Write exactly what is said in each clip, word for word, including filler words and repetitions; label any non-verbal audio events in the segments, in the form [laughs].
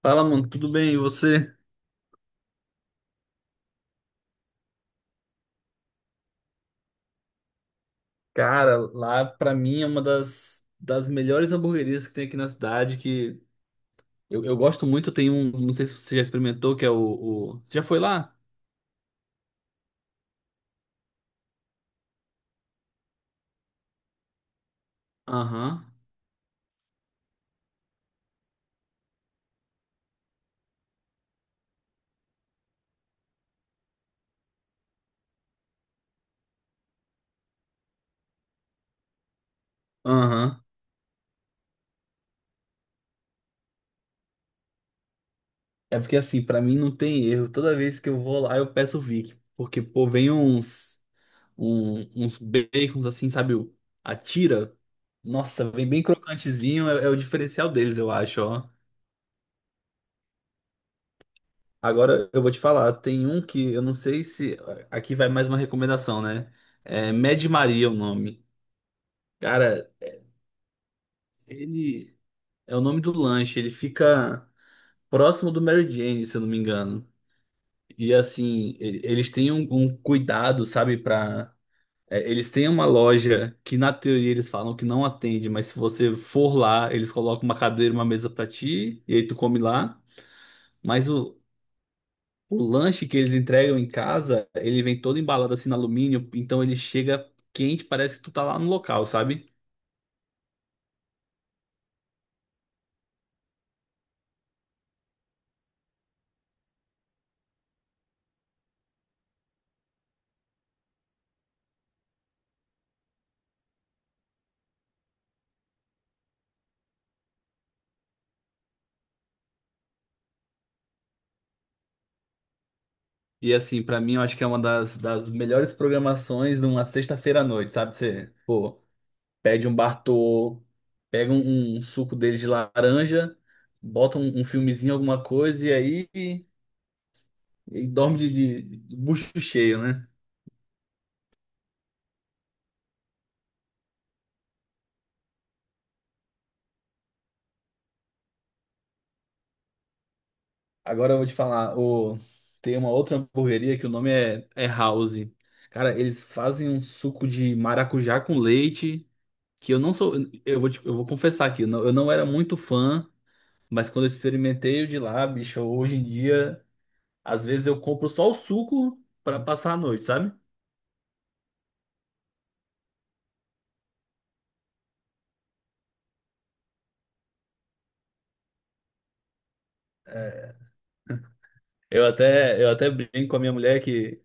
Fala, mano, tudo bem? E você? Cara, lá pra mim é uma das, das melhores hamburguerias que tem aqui na cidade, que eu, eu gosto muito, tem um, não sei se você já experimentou, que é o, o- Você já foi lá? Aham, aham. É porque assim, pra mim não tem erro, toda vez que eu vou lá eu peço o Vic, porque pô, vem uns, um- uns bacons assim, sabe, o- a tira, nossa, vem bem crocantezinho, é, é o diferencial deles, eu acho, ó. Agora eu vou te falar, tem um que eu não sei se. Aqui vai mais uma recomendação, né? É Mad Maria é o nome. Cara, ele é o nome do lanche, ele fica próximo do Mary Jane, se eu não me engano. E assim, e- eles têm um, um cuidado, sabe, pra. é, Eles têm uma loja que na teoria eles falam que não atende, mas se você for lá, eles colocam uma cadeira, e uma mesa pra ti, e aí tu come lá. Mas o, O lanche que eles entregam em casa, ele vem todo embalado assim no alumínio, então ele chega quente, parece que tu tá lá no local, sabe? E assim, pra mim, eu acho que é uma das, das melhores programações numa sexta-feira à noite, sabe? Você, pô, pede um Bartô, pega um, um suco dele de laranja, bota um, um filmezinho, alguma coisa, e aí e dorme de, de, de bucho cheio, né? Agora eu vou te falar, o... tem uma outra hamburgueria que o nome é, é House. Cara, eles fazem um suco de maracujá com leite, que eu não sou, eu vou te- eu vou confessar aqui, eu não, eu não era muito fã, mas quando eu experimentei o de lá, bicho, hoje em dia, às vezes eu compro só o suco pra passar a noite, sabe? Eu até, eu até brinco com a minha mulher que,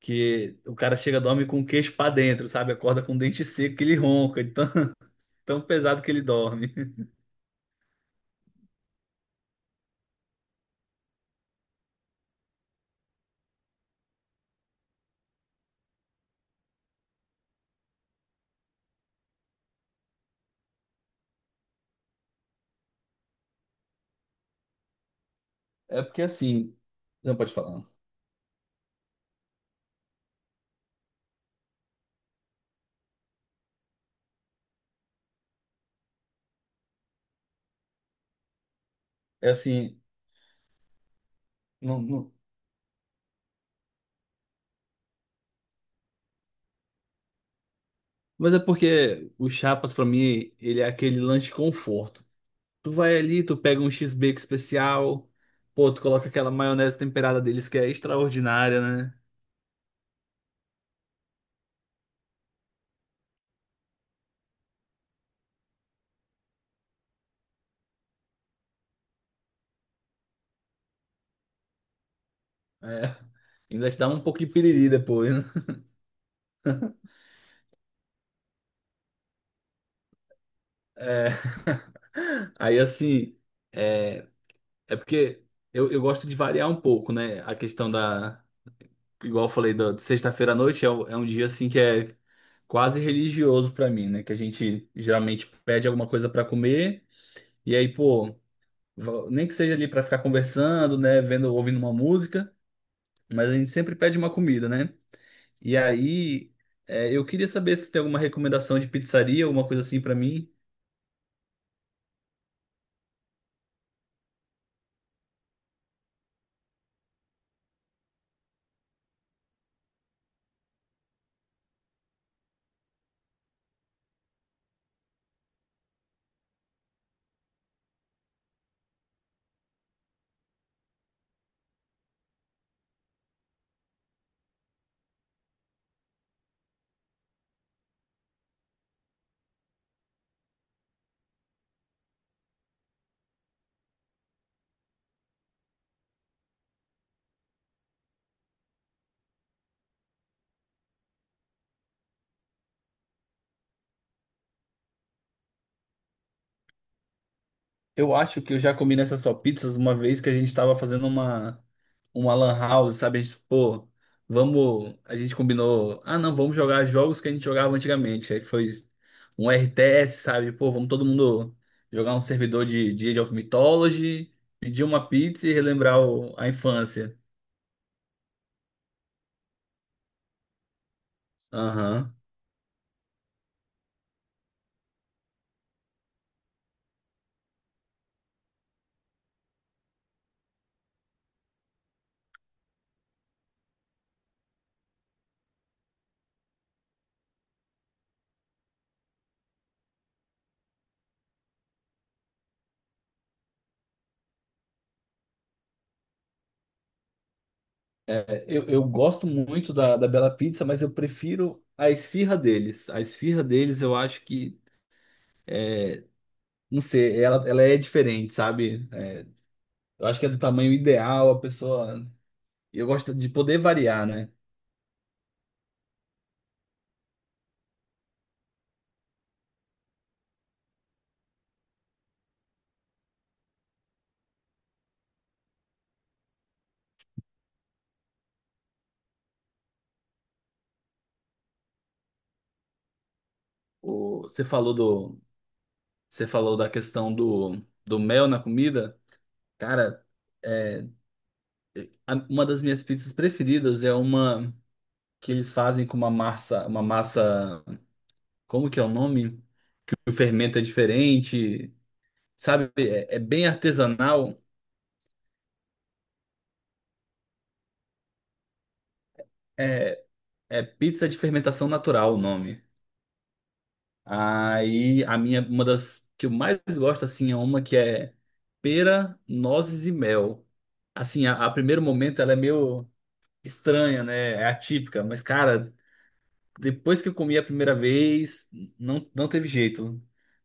que o cara chega, dorme com o queixo pra dentro, sabe? Acorda com o dente seco que ele ronca, de tão, [laughs] tão pesado que ele dorme. É porque assim, não pode falar. É assim, não, não- Mas é porque o Chapas, pra mim, ele é aquele lanche conforto. Tu vai ali, tu pega um X-Bacon especial, pô, tu coloca aquela maionese temperada deles que é extraordinária, né? É. [laughs] Ainda te dá um pouco de piriri depois, né? É. [laughs] Aí, assim, é, é porque eu, eu gosto de variar um pouco, né? A questão da. Igual eu falei, da de sexta-feira à noite é, um- é um dia, assim, que é quase religioso pra mim, né? Que a gente geralmente pede alguma coisa pra comer. E aí, pô, va- nem que seja ali pra ficar conversando, né, vendo, ouvindo uma música, mas a gente sempre pede uma comida, né? E aí, é, eu queria saber se tem alguma recomendação de pizzaria, alguma coisa assim pra mim. Eu acho que eu já comi nessas só pizzas uma vez que a gente tava fazendo uma uma lan house, sabe? A gente, pô, vamos, a gente combinou, ah, não, vamos jogar jogos que a gente jogava antigamente. Aí foi um R T S, sabe? Pô, vamos todo mundo jogar um servidor de, de Age of Mythology, pedir uma pizza e relembrar o- a infância. Aham. É, eu, eu gosto muito da, da Bela Pizza, mas eu prefiro a esfirra deles. A esfirra deles, eu acho que, não sei, ela, ela é diferente, sabe? Eu acho que é do tamanho ideal, a pessoa. E Eu gosto de poder variar, né? O... Você falou do. Você falou da questão do, do mel na comida. Cara, é... a- uma das minhas pizzas preferidas é uma que eles fazem com uma massa, uma massa. Como que é o nome? O fermento é diferente, sabe? É, é bem artesanal. É... é pizza de fermentação natural o nome. Aí a minha, uma das que eu mais gosto assim é uma que é pera, nozes e mel. Assim, a, a primeiro momento ela é meio estranha, né? É atípica, mas cara, depois que eu comi a primeira vez, não, não teve jeito.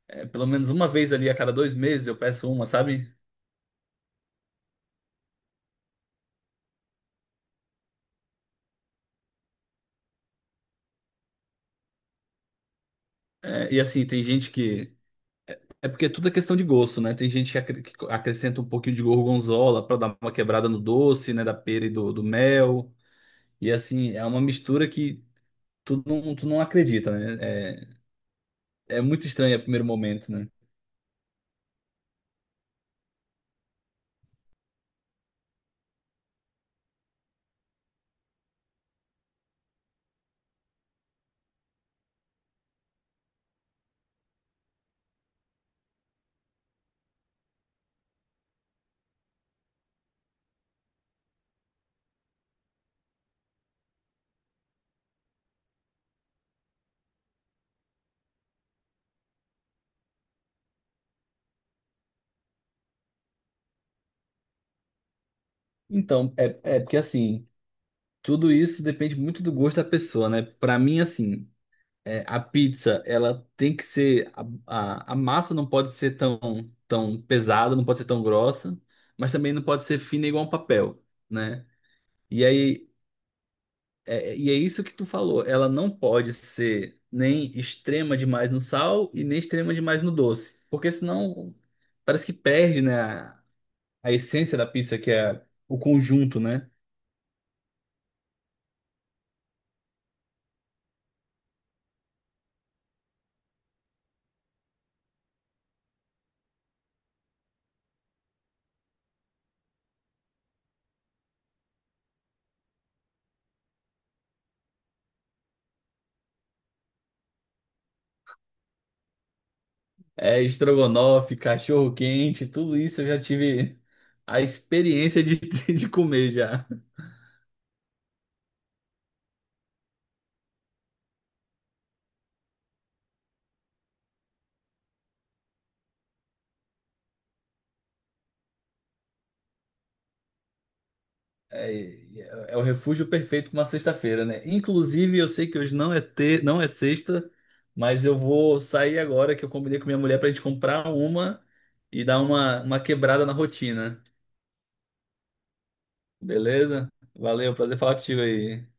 É, pelo menos uma vez ali a cada dois meses eu peço uma, sabe? É, e assim, tem gente que. É porque tudo é questão de gosto, né? Tem gente que acre- que acrescenta um pouquinho de gorgonzola pra dar uma quebrada no doce, né? Da pera e do, do mel. E assim, é uma mistura que tu não, tu não acredita, né? É, é muito estranho a primeiro momento, né? Então, é, é porque assim, tudo isso depende muito do gosto da pessoa, né? Pra mim, assim, é, a pizza, ela tem que ser. A, a, a massa não pode ser tão, tão pesada, não pode ser tão grossa, mas também não pode ser fina igual um papel, né? E aí, é, e é isso que tu falou, ela não pode ser nem extrema demais no sal e nem extrema demais no doce, porque senão parece que perde, né? A essência da pizza, que é o conjunto, né? É estrogonofe, cachorro-quente, tudo isso eu já tive a experiência de, [laughs] de comer já. É, é é o refúgio perfeito para uma sexta-feira, né? Inclusive, eu sei que hoje não é ter, não é sexta, mas eu vou sair agora que eu combinei com minha mulher para a gente comprar uma e dar uma, uma quebrada na rotina. Beleza? Valeu, prazer falar contigo aí.